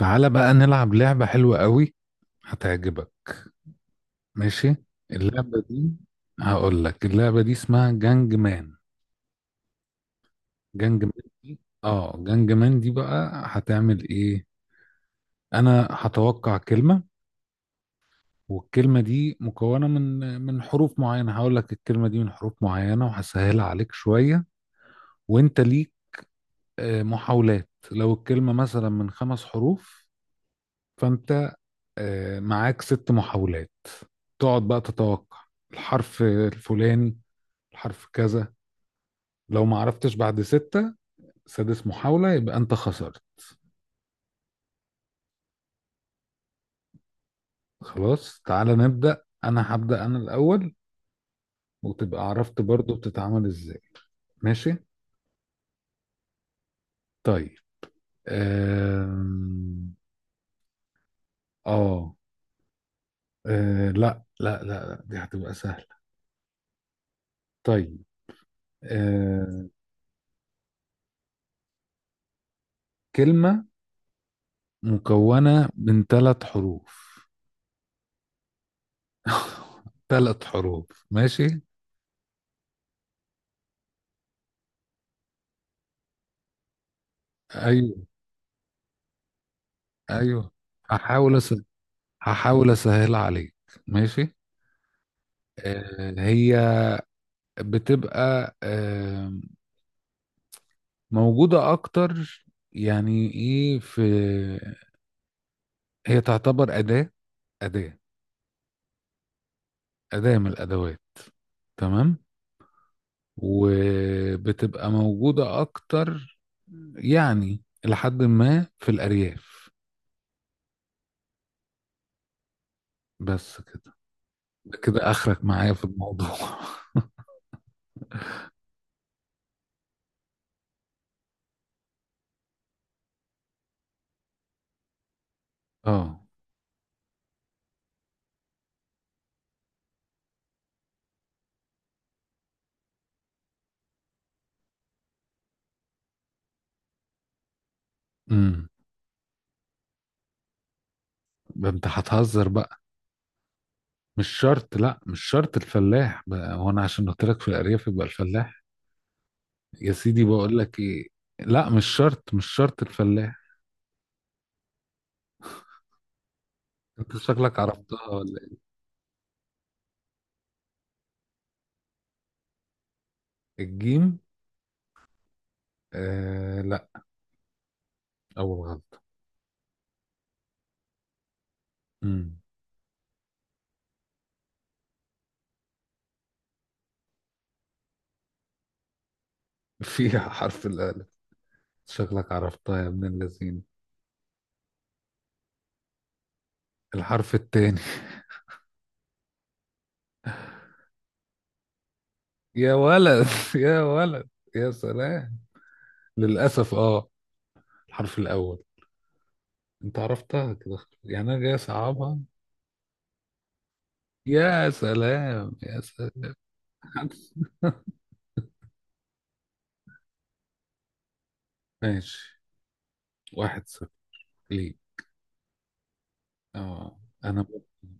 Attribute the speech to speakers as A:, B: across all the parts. A: تعالى بقى نلعب لعبة حلوة قوي هتعجبك. ماشي. اللعبة دي، هقول لك اللعبة دي اسمها جانج مان. جانج مان دي اه جانج مان دي بقى هتعمل ايه؟ انا هتوقع كلمة، والكلمة دي مكونة من حروف معينة. هقول لك الكلمة دي من حروف معينة وهسهلها عليك شوية، وانت ليك محاولات. لو الكلمة مثلا من خمس حروف، فانت معاك ست محاولات. تقعد بقى تتوقع الحرف الفلاني، الحرف كذا. لو ما عرفتش بعد ستة، سادس محاولة يبقى انت خسرت. خلاص، تعالى نبدأ. انا هبدأ انا الاول، وتبقى عرفت برضو بتتعمل ازاي. ماشي. طيب. آم، اه آه، لا لا لا لا، دي هتبقى سهلة. طيب. آه، كلمة مكونة من ثلاث حروف. ثلاث حروف ماشي. ايوه. ايوه. هحاول أس... هحاول اسهلها عليك. ماشي. هي بتبقى موجودة اكتر. يعني ايه؟ في، هي تعتبر أداة. أداة. أداة من الأدوات. تمام. وبتبقى موجودة اكتر، يعني لحد ما في الأرياف. بس كده. كده اخرك معايا في الموضوع. اه. امم ده انت هتهزر بقى. مش شرط، لا مش شرط الفلاح بقى. هو انا عشان قلت لك في الارياف يبقى الفلاح؟ يا سيدي، بقول لك ايه. لا، مش شرط، مش شرط الفلاح. انت شكلك عرفتها ولا إيه؟ الجيم. لا. اول غلط. امم. فيها حرف الالف. شكلك عرفتها يا ابن اللذين. الحرف التاني. يا ولد، يا ولد، يا سلام. للاسف. اه. الحرف الاول. انت عرفتها كده. يعني انا جاي اصعبها. يا سلام، يا سلام. ماشي. واحد صفر. ليه؟ اه. انا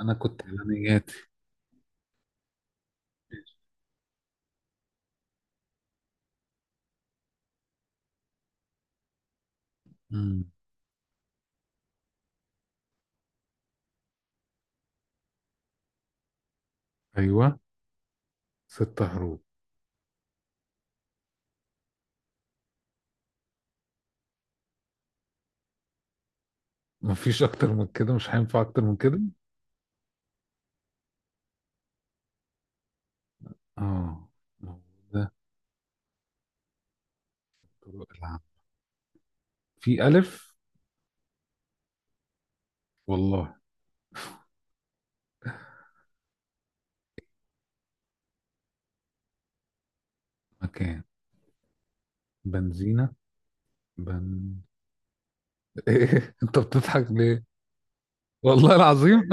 A: انا كنت اعلانياتي. امم. ايوه. ست حروف. مفيش اكتر من كده، مش هينفع اكتر من كده. اه. موجودة طرق العمل. في الف؟ والله. مكان بنزينة. بن. ايه انت بتضحك ليه؟ والله العظيم.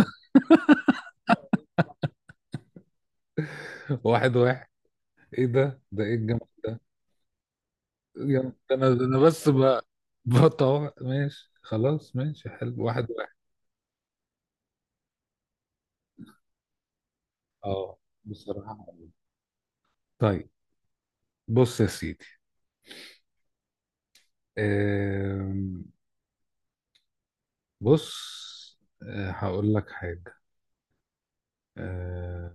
A: واحد واحد. ايه ده ايه الجمال. ده انا بس بطوع. ماشي خلاص، ماشي حلو. واحد واحد. اه، بصراحة. طيب، بص يا سيدي. آم، بص. هقول لك حاجة. آه،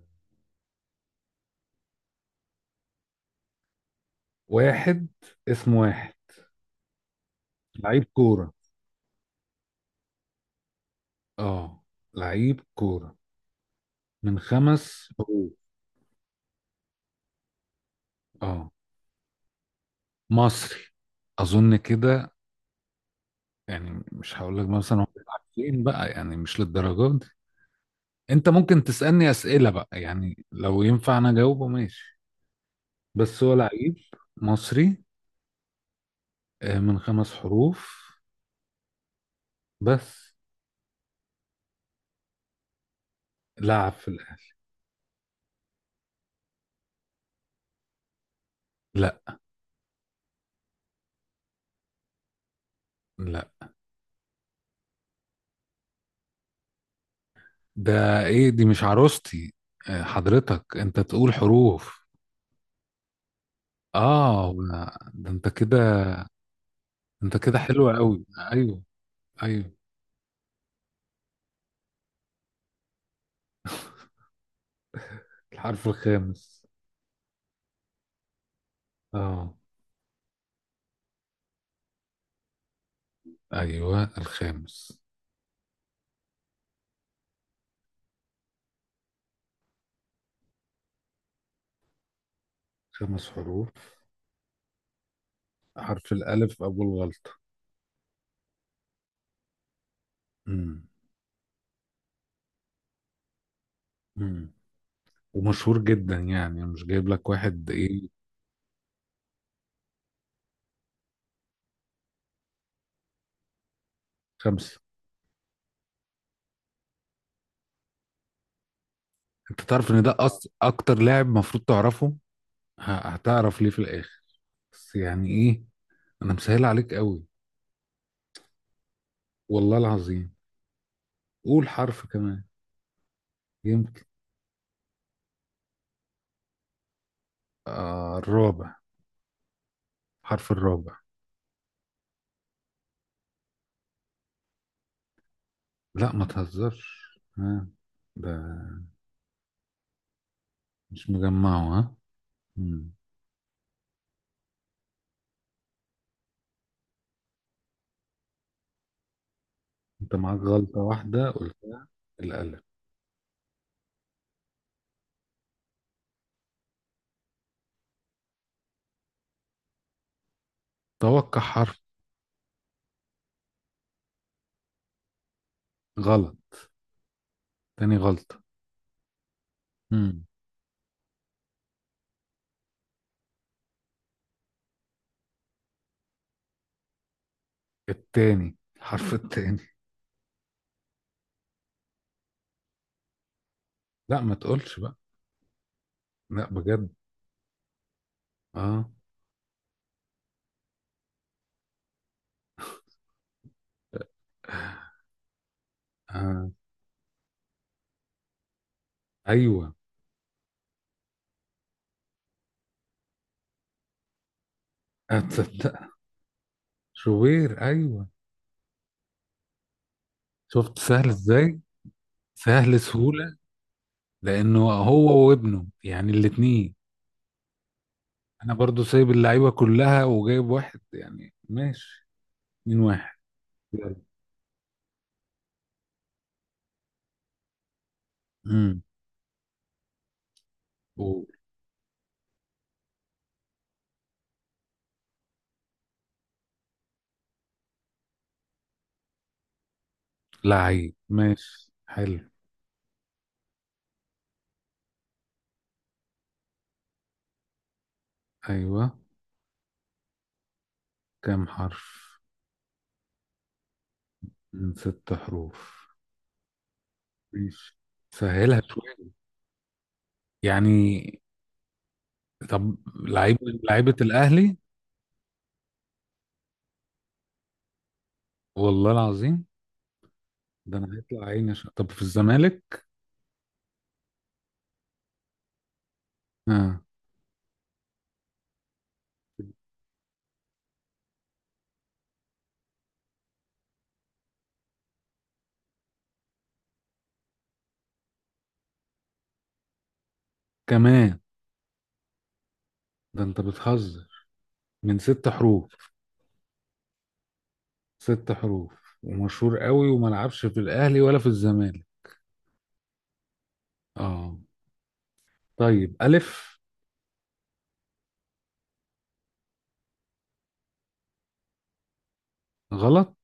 A: واحد. اسمه واحد. لعيب كورة. اه. لعيب كورة. من خمس حروف. اه. مصري. أظن كده. يعني مش هقول لك مثلا هو بيلعب فين بقى، يعني مش للدرجة دي. أنت ممكن تسألني أسئلة بقى، يعني لو ينفع أنا أجاوبه. ماشي. بس هو لعيب مصري، من خمس حروف. بس. لعب في الأهلي. لا. لا. ده ايه دي؟ مش عروستي. حضرتك انت تقول حروف. اه. ده انت كده، انت كده حلو قوي. ايوه. ايوه. الحرف الخامس. اه. ايوه الخامس. خمس حروف. حرف الالف، اول غلطة. امم. امم. ومشهور جدا، يعني مش جايب لك واحد ايه. خمسة. انت تعرف ان ده اكتر لاعب مفروض تعرفه. هتعرف ليه في الاخر. بس يعني ايه، انا مسهل عليك قوي. والله العظيم. قول حرف كمان، يمكن. الرابع. حرف الرابع. لا، ما تهزرش. ها. ده مش مجمعه. ها. مم. انت معاك غلطة واحدة قلتها، الألف. توقع حرف. غلط. تاني غلطة. مم. التاني، الحرف التاني. لا، ما تقولش بقى. لا بجد. اه. آه. ايوه. هتصدق؟ شوبير. ايوه. شفت سهل ازاي. سهل سهولة. لأنه هو وابنه يعني الاتنين. انا برضو سايب اللعيبه كلها وجايب واحد يعني. ماشي. اتنين واحد. يلا. امم. لعيب ماشي حلو. ايوه. كام حرف. من ست حروف. ماشي، سهلها شويه يعني. طب لعيب من لعيبه الاهلي؟ والله العظيم. ده انا هيطلع عيني عشان. طب في الزمالك؟ اه. كمان. ده انت بتهزر. من ست حروف. ست حروف ومشهور قوي وما لعبش في الاهلي ولا في الزمالك. اه. طيب، ألف. غلط.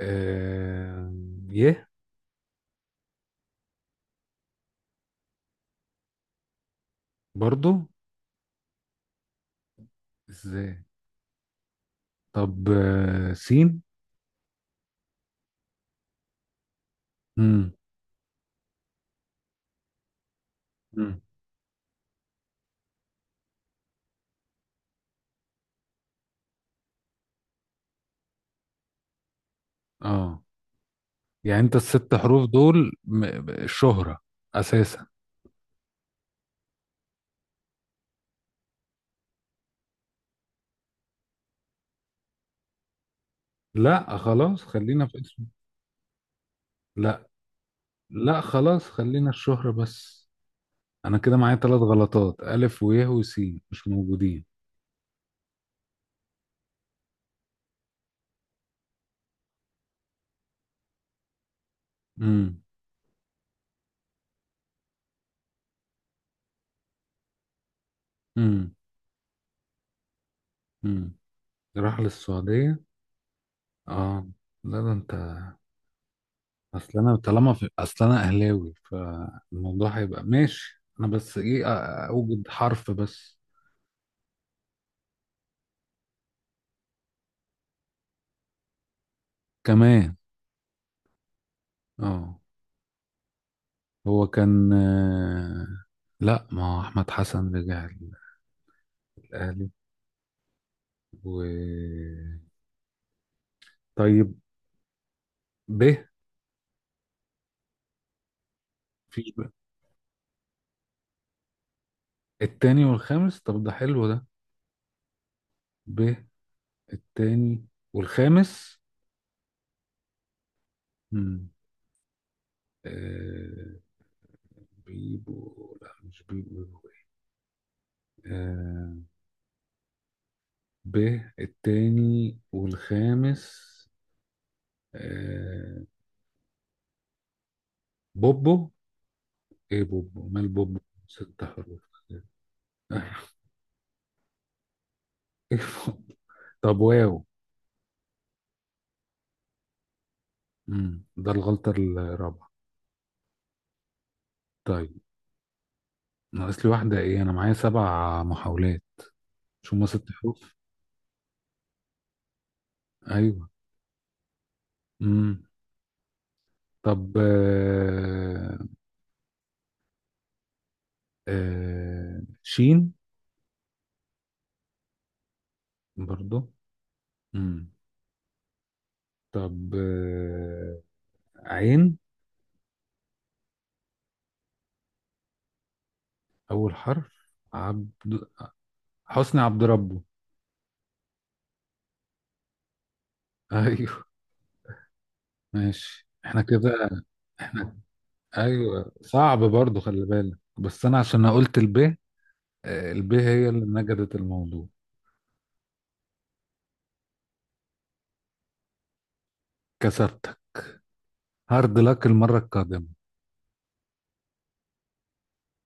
A: آه... ي. برضو. ازاي. طب، سين. مم. مم. اه. يعني انت الست حروف دول الشهرة أساسا. لا، خلاص، خلينا في اسم. لا. لا، خلاص، خلينا الشهرة بس. أنا كده معايا ثلاث غلطات، ألف ويه وسين مش موجودين. مم. مم. مم. راح للسعودية. اه. لا، ده انت. اصل انا اهلاوي، فالموضوع هيبقى ماشي. انا بس ايه اوجد حرف بس. كمان. اه. هو كان لا، ما هو احمد حسن رجع الاهلي. و، طيب. ب ب التاني والخامس. طب ده حلو ده. ب التاني والخامس. مم. آه... بيبو. لا، مش بيبو. آه... ب التاني والخامس. آه، بوبو. ايه بوبو، مال بوبو. ست حروف. إيه بوبو؟ طب، واو. مم. ده الغلطة الرابعة. طيب. ناقص لي واحدة ايه، انا معايا سبع محاولات؟ مش هما ست حروف؟ ايوه. مم. طب، شين. برضو. مم. طب، عين. اول حرف. عبد. حسني عبد ربه. ايوه. ماشي، احنا كده. احنا. ايوه. صعب برضو، خلي بالك. بس انا عشان أنا قلت الب، الب هي اللي نجدت الموضوع. كسبتك. هارد لك المره القادمه.